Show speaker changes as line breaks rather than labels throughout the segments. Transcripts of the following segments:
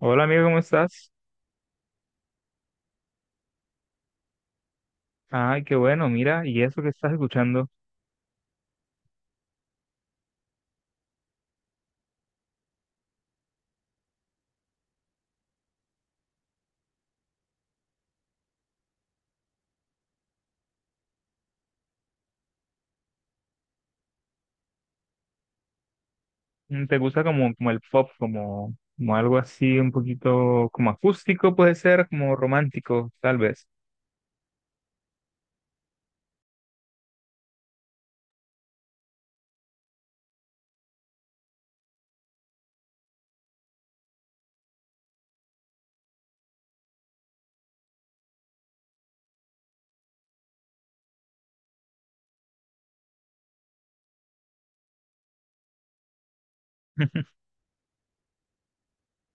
Hola amigo, ¿cómo estás? Ay, qué bueno, mira, ¿y eso que estás escuchando? Mm, ¿te gusta como, como el pop, como, como algo así un poquito como acústico puede ser, como romántico, tal vez?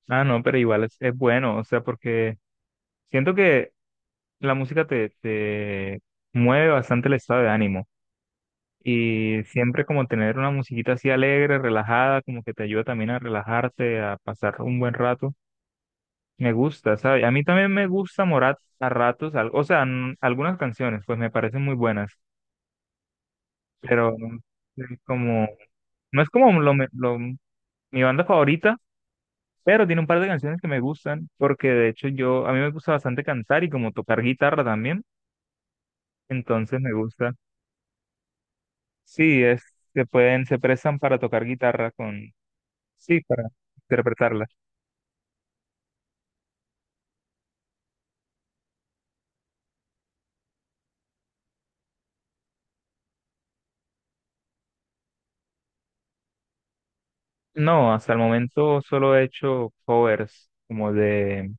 Ah, no, pero igual es bueno, o sea, porque siento que la música te mueve bastante el estado de ánimo y siempre como tener una musiquita así alegre, relajada, como que te ayuda también a relajarte, a pasar un buen rato. Me gusta, ¿sabes? A mí también me gusta Morat a ratos, o sea, algunas canciones, pues me parecen muy buenas, pero no es como, no es como mi banda favorita, pero tiene un par de canciones que me gustan, porque de hecho yo, a mí me gusta bastante cantar y como tocar guitarra también, entonces me gusta. Sí, es, se pueden, se prestan para tocar guitarra con, sí, para interpretarla. No, hasta el momento solo he hecho covers como de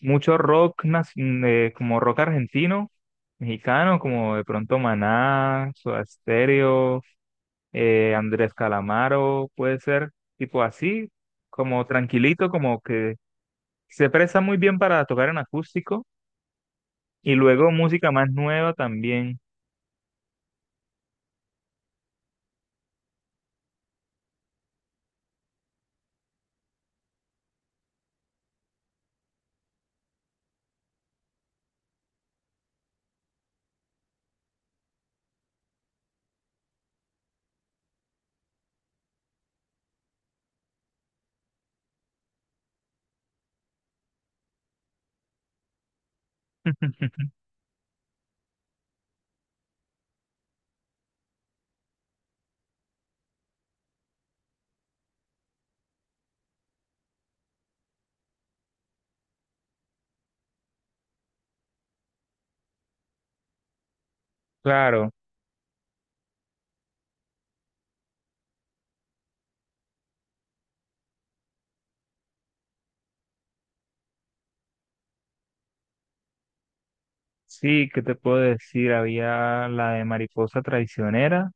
mucho como rock argentino, mexicano, como de pronto Maná, Soda Stereo, Andrés Calamaro, puede ser tipo así, como tranquilito, como que se presta muy bien para tocar en acústico y luego música más nueva también. Claro, sí, ¿qué te puedo decir? Había la de Mariposa Traicionera,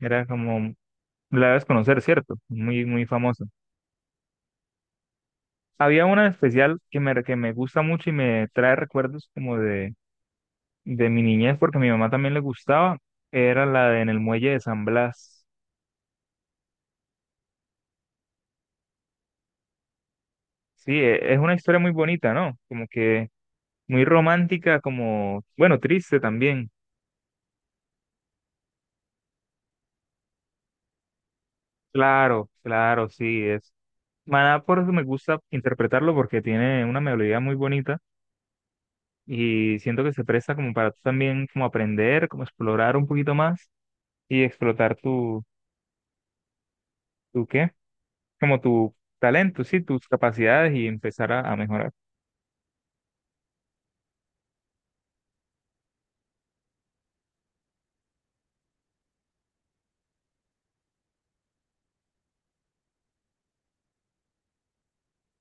era como, la debes conocer, ¿cierto? Muy, muy famosa. Había una en especial que me gusta mucho y me trae recuerdos como de mi niñez, porque a mi mamá también le gustaba. Era la de En el Muelle de San Blas. Sí, es una historia muy bonita, ¿no? Como que muy romántica, como, bueno, triste también. Claro, claro, sí, es. Maná por eso me gusta interpretarlo porque tiene una melodía muy bonita y siento que se presta como para tú también como aprender, como explorar un poquito más y explotar tu, ¿tu qué? Como tu talento, sí, tus capacidades y empezar a mejorar.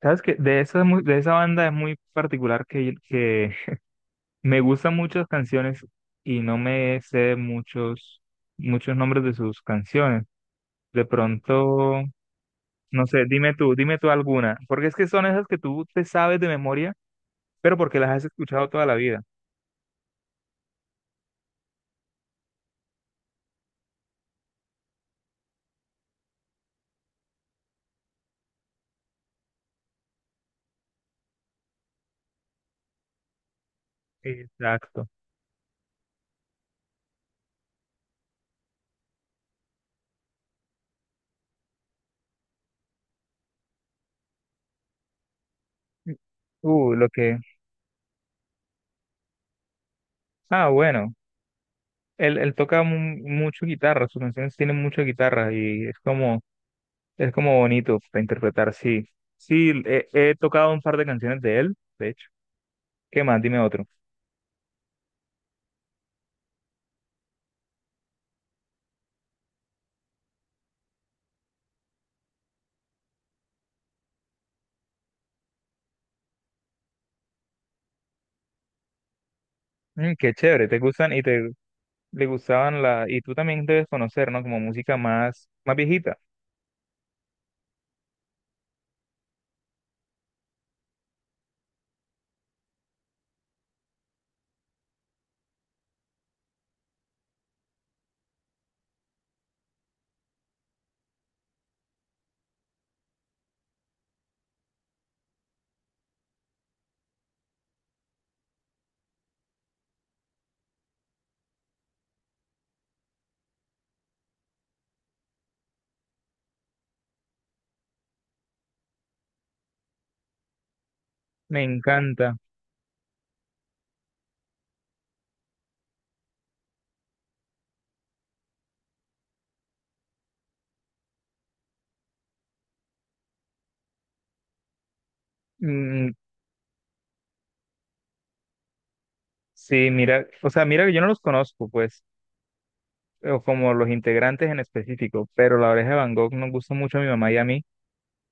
Sabes que de esa, de esa banda es muy particular que me gustan muchas canciones y no me sé muchos, muchos nombres de sus canciones. De pronto, no sé, dime tú alguna, porque es que son esas que tú te sabes de memoria, pero porque las has escuchado toda la vida. Exacto. Lo que. Ah, bueno. Él, mucho guitarra, sus canciones tienen mucha guitarra y es como es como bonito para interpretar, sí. Sí, he, he tocado un par de canciones de él, de hecho. ¿Qué más? Dime otro. Mm, qué chévere, te gustan y te le gustaban la... Y tú también debes conocer, ¿no? Como música más, más viejita. Me encanta. Mm, sí, mira, o sea, mira que yo no los conozco, pues, o como los integrantes en específico, pero La Oreja de Van Gogh nos gusta mucho a mi mamá y a mí.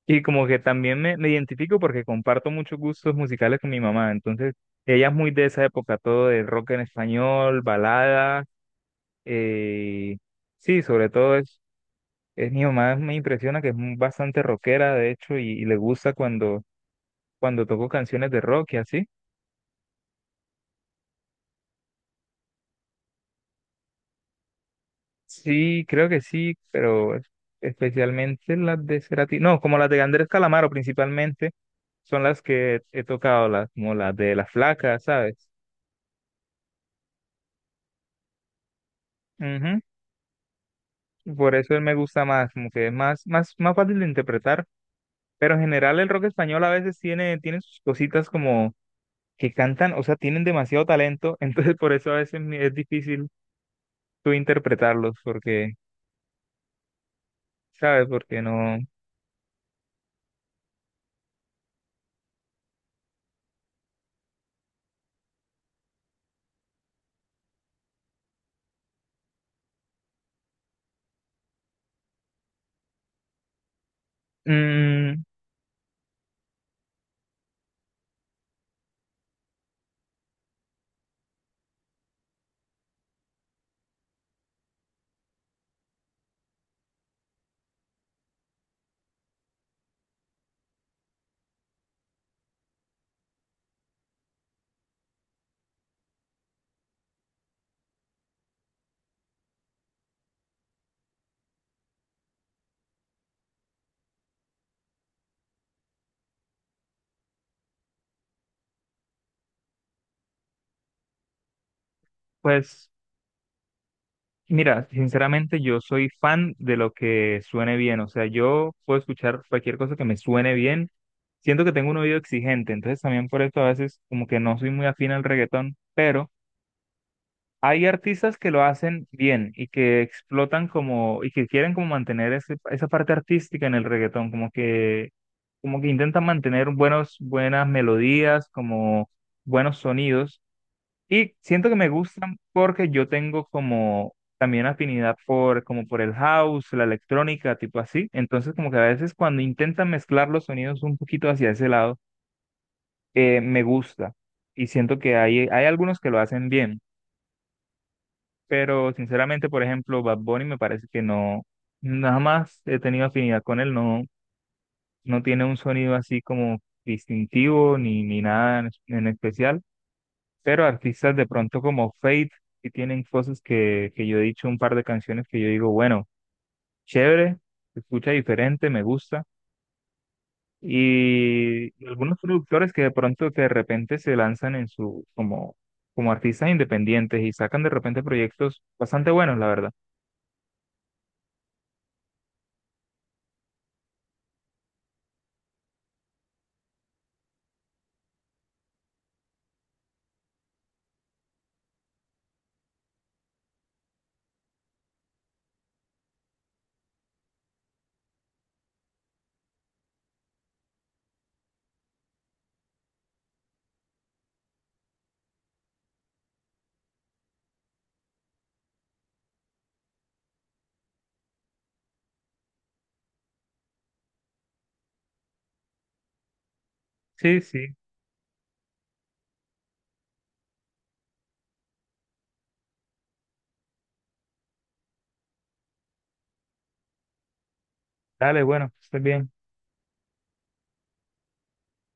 Y como que también me identifico porque comparto muchos gustos musicales con mi mamá. Entonces, ella es muy de esa época, todo de rock en español, balada. eh, sí, sobre todo es mi mamá, me impresiona que es bastante rockera, de hecho, y le gusta cuando, cuando toco canciones de rock y así. Sí, creo que sí, pero especialmente las de Cerati. No, como las de Andrés Calamaro principalmente, son las que he tocado, las, como las de Las Flacas, ¿sabes? Por eso él me gusta más, como que es más, más, más fácil de interpretar. Pero en general el rock español a veces tiene, tiene sus cositas como que cantan, o sea, tienen demasiado talento, entonces por eso a veces es difícil tú interpretarlos, porque, ¿sabes? Porque no. Mm, pues, mira, sinceramente yo soy fan de lo que suene bien, o sea, yo puedo escuchar cualquier cosa que me suene bien. Siento que tengo un oído exigente, entonces también por eso a veces como que no soy muy afín al reggaetón, pero hay artistas que lo hacen bien y que explotan como, y que quieren como mantener esa parte artística en el reggaetón, como que intentan mantener buenos, buenas melodías, como buenos sonidos. Y siento que me gustan porque yo tengo como también afinidad por, como por el house, la electrónica, tipo así. Entonces como que a veces cuando intentan mezclar los sonidos un poquito hacia ese lado, me gusta. Y siento que hay algunos que lo hacen bien. Pero sinceramente, por ejemplo, Bad Bunny me parece que no, nada más he tenido afinidad con él, no, no tiene un sonido así como distintivo ni, ni nada en especial, pero artistas de pronto como Fate, que tienen cosas que yo he dicho, un par de canciones que yo digo, bueno, chévere, se escucha diferente, me gusta, y algunos productores que de pronto que de repente se lanzan en su, como, como artistas independientes y sacan de repente proyectos bastante buenos, la verdad. Sí, sí. Dale, bueno, que estés bien.